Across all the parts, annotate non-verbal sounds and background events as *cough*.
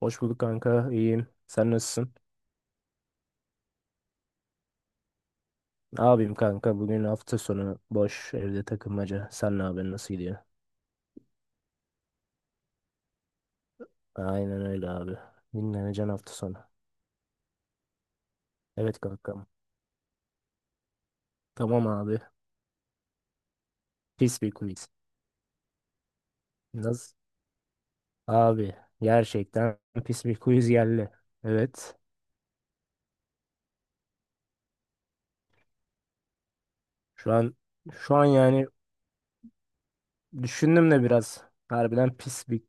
Hoş bulduk kanka. İyiyim Sen nasılsın? Ne yapayım kanka? Bugün hafta sonu boş evde takılmaca. Sen ne yapıyorsun? Nasıl gidiyor? Aynen öyle abi. Dinleneceksin hafta sonu. Evet kankam. Tamam abi. Pis bir quiz. Nasıl? Abi gerçekten pis bir quiz geldi. Evet. Şu an şu an yani düşündüm de biraz. Harbiden pis bir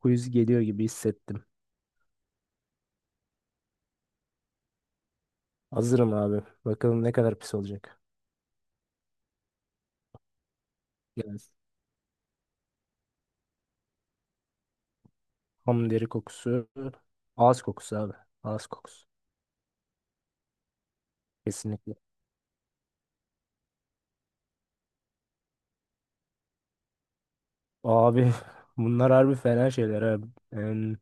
quiz geliyor gibi hissettim. Hazırım abi. Bakalım ne kadar pis olacak. Gel. Ham deri kokusu. Ağız kokusu abi. Ağız kokusu. Kesinlikle. Abi *laughs* bunlar harbi fena şeyler abi. Yani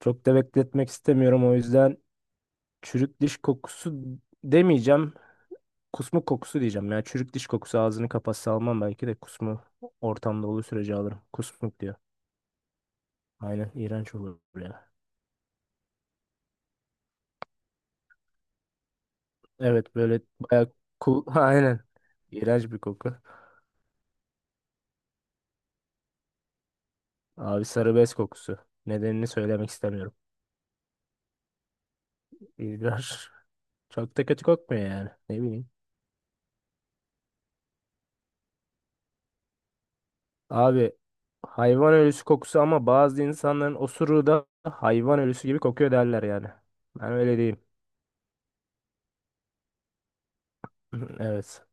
çok da bekletmek istemiyorum, o yüzden çürük diş kokusu demeyeceğim. Kusmuk kokusu diyeceğim. Yani çürük diş kokusu ağzını kapatsa almam, belki de kusmu ortamda olduğu sürece alırım. Kusmuk diyor. Aynen, iğrenç olur ya. Evet böyle bayağı ku *laughs* aynen. İğrenç bir koku. Abi sarı bez kokusu. Nedenini söylemek istemiyorum. İğrenç. Çok da kötü kokmuyor yani. Ne bileyim. Abi hayvan ölüsü kokusu, ama bazı insanların osuruğu da hayvan ölüsü gibi kokuyor derler yani. Ben öyle diyeyim. *clears throat* *laughs* Evet.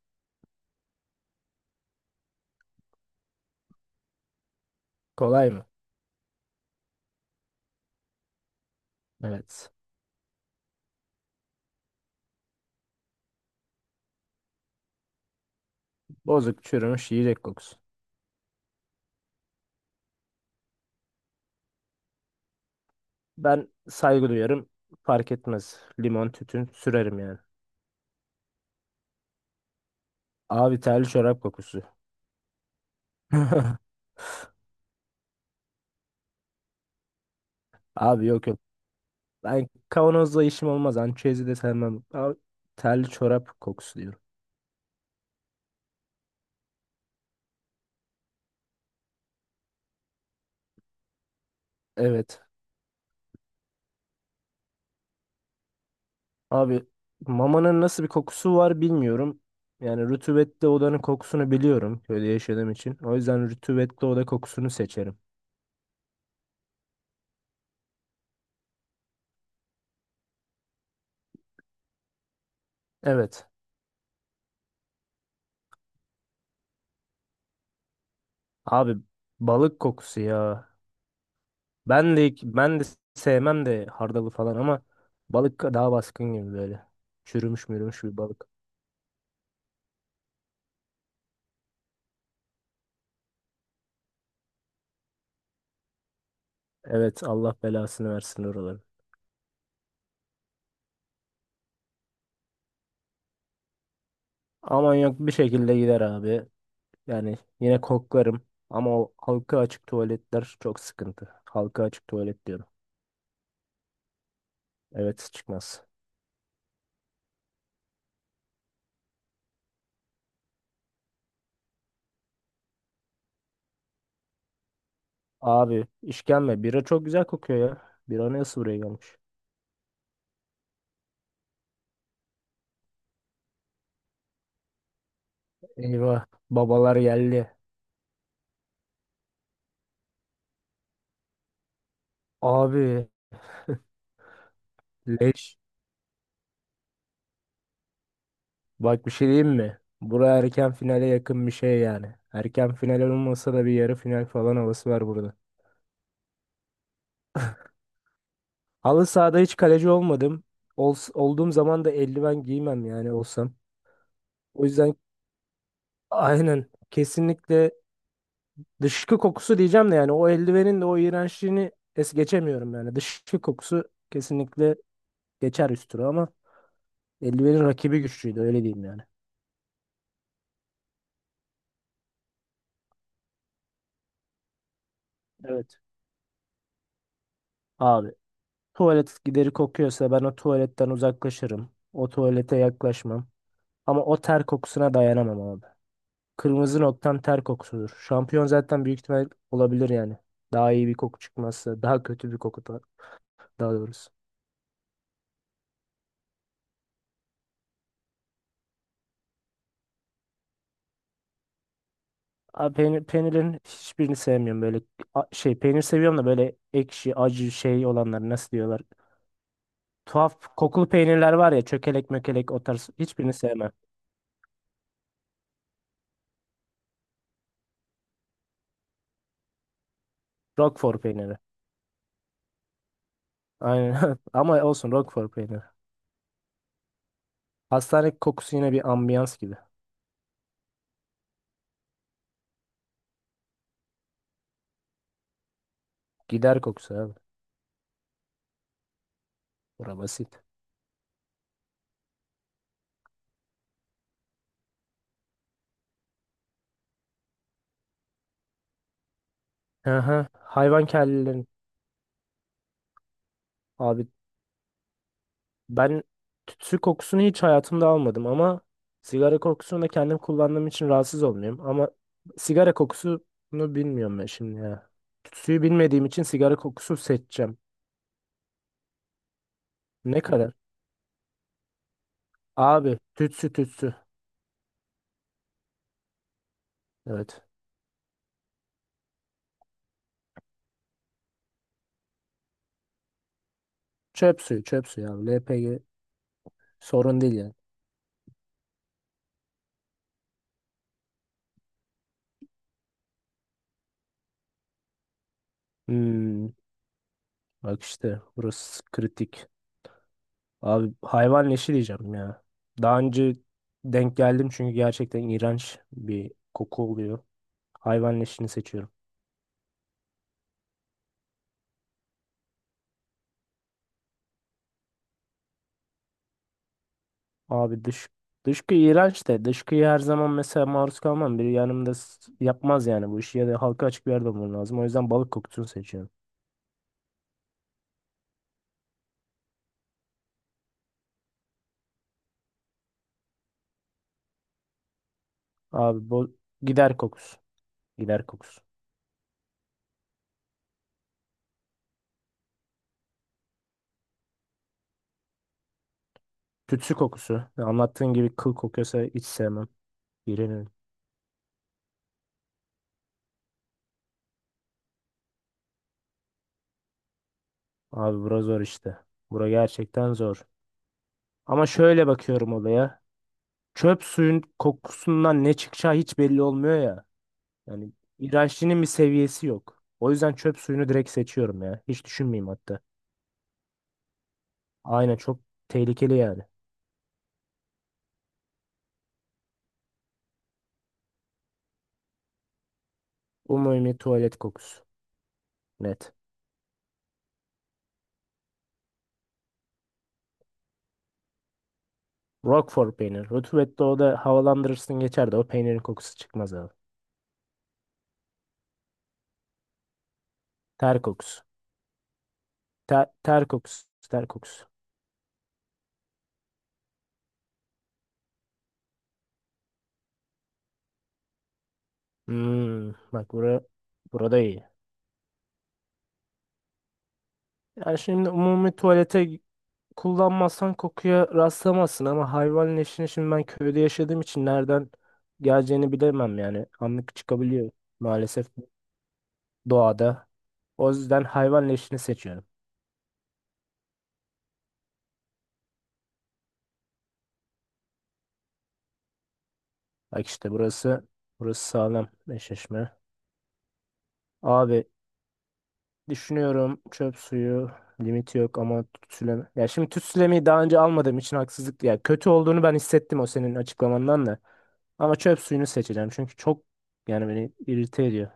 Kolay mı? Evet. Bozuk çürümüş yiyecek kokusu. Ben saygı duyarım. Fark etmez. Limon tütün sürerim yani. Abi terli çorap kokusu. *laughs* Abi yok yok. Ben kavanozla işim olmaz. Ançezi de sevmem. Abi, terli çorap kokusu diyorum. Evet. Abi mamanın nasıl bir kokusu var bilmiyorum. Yani rutubetli odanın kokusunu biliyorum köyde yaşadığım için. O yüzden rutubetli oda kokusunu seçerim. Evet. Abi balık kokusu ya. Ben de sevmem de hardalı falan ama balık daha baskın gibi böyle. Çürümüş mürümüş bir balık. Evet, Allah belasını versin oraları. Aman, yok bir şekilde gider abi. Yani yine koklarım ama o halka açık tuvaletler çok sıkıntı. Halka açık tuvalet diyorum. Evet, çıkmaz. Abi işkembe. Bira çok güzel kokuyor ya. Bira nasıl buraya gelmiş? Eyvah. Babalar geldi. Abi leş. Bak bir şey diyeyim mi? Bura erken finale yakın bir şey yani. Erken final olmasa da bir yarı final falan havası var burada. Halı sahada hiç kaleci olmadım. Ol, olduğum zaman da eldiven giymem, yani olsam. O yüzden aynen kesinlikle dışkı kokusu diyeceğim de, yani o eldivenin de o iğrençliğini es geçemiyorum yani. Dışkı kokusu kesinlikle geçer üstüne ama eldivenin rakibi güçlüydü, öyle diyeyim yani. Evet. Abi tuvalet gideri kokuyorsa ben o tuvaletten uzaklaşırım. O tuvalete yaklaşmam. Ama o ter kokusuna dayanamam abi. Kırmızı noktam ter kokusudur. Şampiyon zaten büyük ihtimal olabilir yani. Daha iyi bir koku çıkmazsa daha kötü bir koku da, daha doğrusu. Abi peynir, peynirin hiçbirini sevmiyorum böyle şey, peynir seviyorum da böyle ekşi acı şey olanları, nasıl diyorlar. Tuhaf kokulu peynirler var ya, çökelek mökelek, o tarz hiçbirini sevmem. Roquefort peyniri. Aynen. *laughs* Ama olsun, Roquefort peyniri. Hastane kokusu yine bir ambiyans gibi. Gider kokusu abi. Bura basit. Aha, hayvan kellelerin. Abi ben tütsü kokusunu hiç hayatımda almadım ama sigara kokusunu da kendim kullandığım için rahatsız olmuyorum. Ama sigara kokusunu bilmiyorum ben şimdi ya. Tütsüyü bilmediğim için sigara kokusu seçeceğim. Ne kadar? Abi tütsü tütsü. Evet. Çöp suyu abi. LPG sorun değil yani. Hmm, bak işte burası kritik. Abi hayvan leşi diyeceğim ya. Daha önce denk geldim, çünkü gerçekten iğrenç bir koku oluyor. Hayvan leşini seçiyorum. Abi dışkı iğrenç de dışkıyı her zaman mesela maruz kalmam. Biri yanımda yapmaz yani bu işi, ya da halka açık bir yerde olman lazım. O yüzden balık kokusunu seçiyorum. Abi bu gider kokusu. Gider kokusu. Tütsü kokusu. Ya anlattığın gibi kıl kokuyorsa hiç sevmem. İğrenirim. Abi bura zor işte. Bura gerçekten zor. Ama şöyle bakıyorum olaya. Çöp suyun kokusundan ne çıkacağı hiç belli olmuyor ya. Yani iğrençliğinin bir seviyesi yok. O yüzden çöp suyunu direkt seçiyorum ya. Hiç düşünmeyeyim hatta. Aynen, çok tehlikeli yani. Umumi tuvalet kokusu. Net. Roquefort peynir. Rutubette o da, havalandırırsın geçer, de o peynirin kokusu çıkmaz abi. Ter kokusu. Ter kokusu. Ter kokusu. Hmm, burada iyi. Yani şimdi umumi tuvalete kullanmazsan kokuya rastlamazsın ama hayvan leşini şimdi ben köyde yaşadığım için nereden geleceğini bilemem yani. Anlık çıkabiliyor maalesef doğada. O yüzden hayvan leşini seçiyorum. Bak işte burası sağlam eşleşme. Abi düşünüyorum, çöp suyu limiti yok ama tütsüleme. Ya şimdi tütsülemeyi daha önce almadığım için haksızlık, ya kötü olduğunu ben hissettim o senin açıklamandan da. Ama çöp suyunu seçeceğim çünkü çok, yani beni irite ediyor.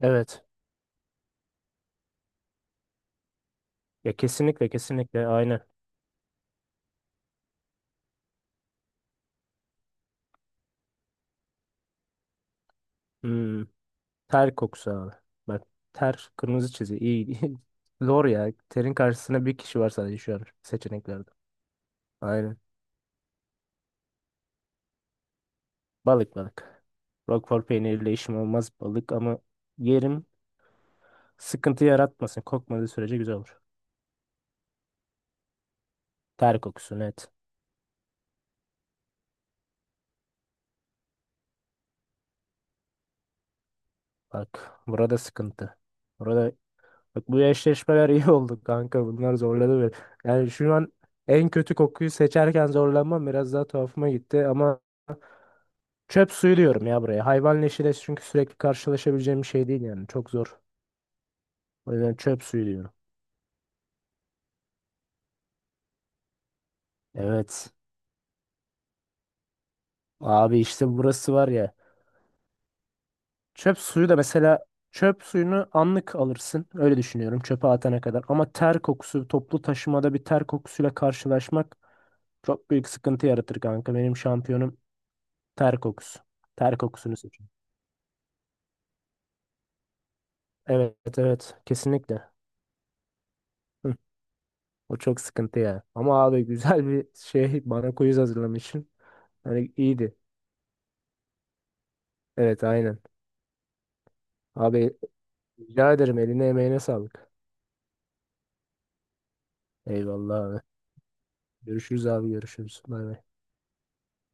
Evet. Ya kesinlikle kesinlikle aynı. Hmm, ter kokusu abi. Bak, ter kırmızı çizgi, iyi. İyi. *laughs* Zor ya. Terin karşısında bir kişi var sadece şu an seçeneklerde. Aynen. Balık balık. Roquefort peyniriyle işim olmaz, balık ama yerim, sıkıntı yaratmasın. Kokmadığı sürece güzel olur. Ter kokusu net. Bak burada sıkıntı. Burada bu eşleşmeler *laughs* iyi oldu kanka. Bunlar zorladı beni. Yani şu an en kötü kokuyu seçerken zorlanmam biraz daha tuhafıma gitti ama çöp suyu diyorum ya buraya. Hayvan leşiyle, çünkü sürekli karşılaşabileceğim bir şey değil yani. Çok zor. O yüzden çöp suyu diyorum. Evet. Abi işte burası var ya. Çöp suyu da mesela, çöp suyunu anlık alırsın. Öyle düşünüyorum, çöpe atana kadar. Ama ter kokusu, toplu taşımada bir ter kokusuyla karşılaşmak çok büyük sıkıntı yaratır kanka. Benim şampiyonum ter kokusu. Ter kokusunu seçiyorum. Evet, evet, kesinlikle. Hı, o çok sıkıntı ya. Ama abi güzel bir şey, bana quiz hazırlamışsın. Hani iyiydi. Evet, aynen. Abi rica ederim, eline emeğine sağlık. Eyvallah abi. Görüşürüz abi, görüşürüz. Bay bay.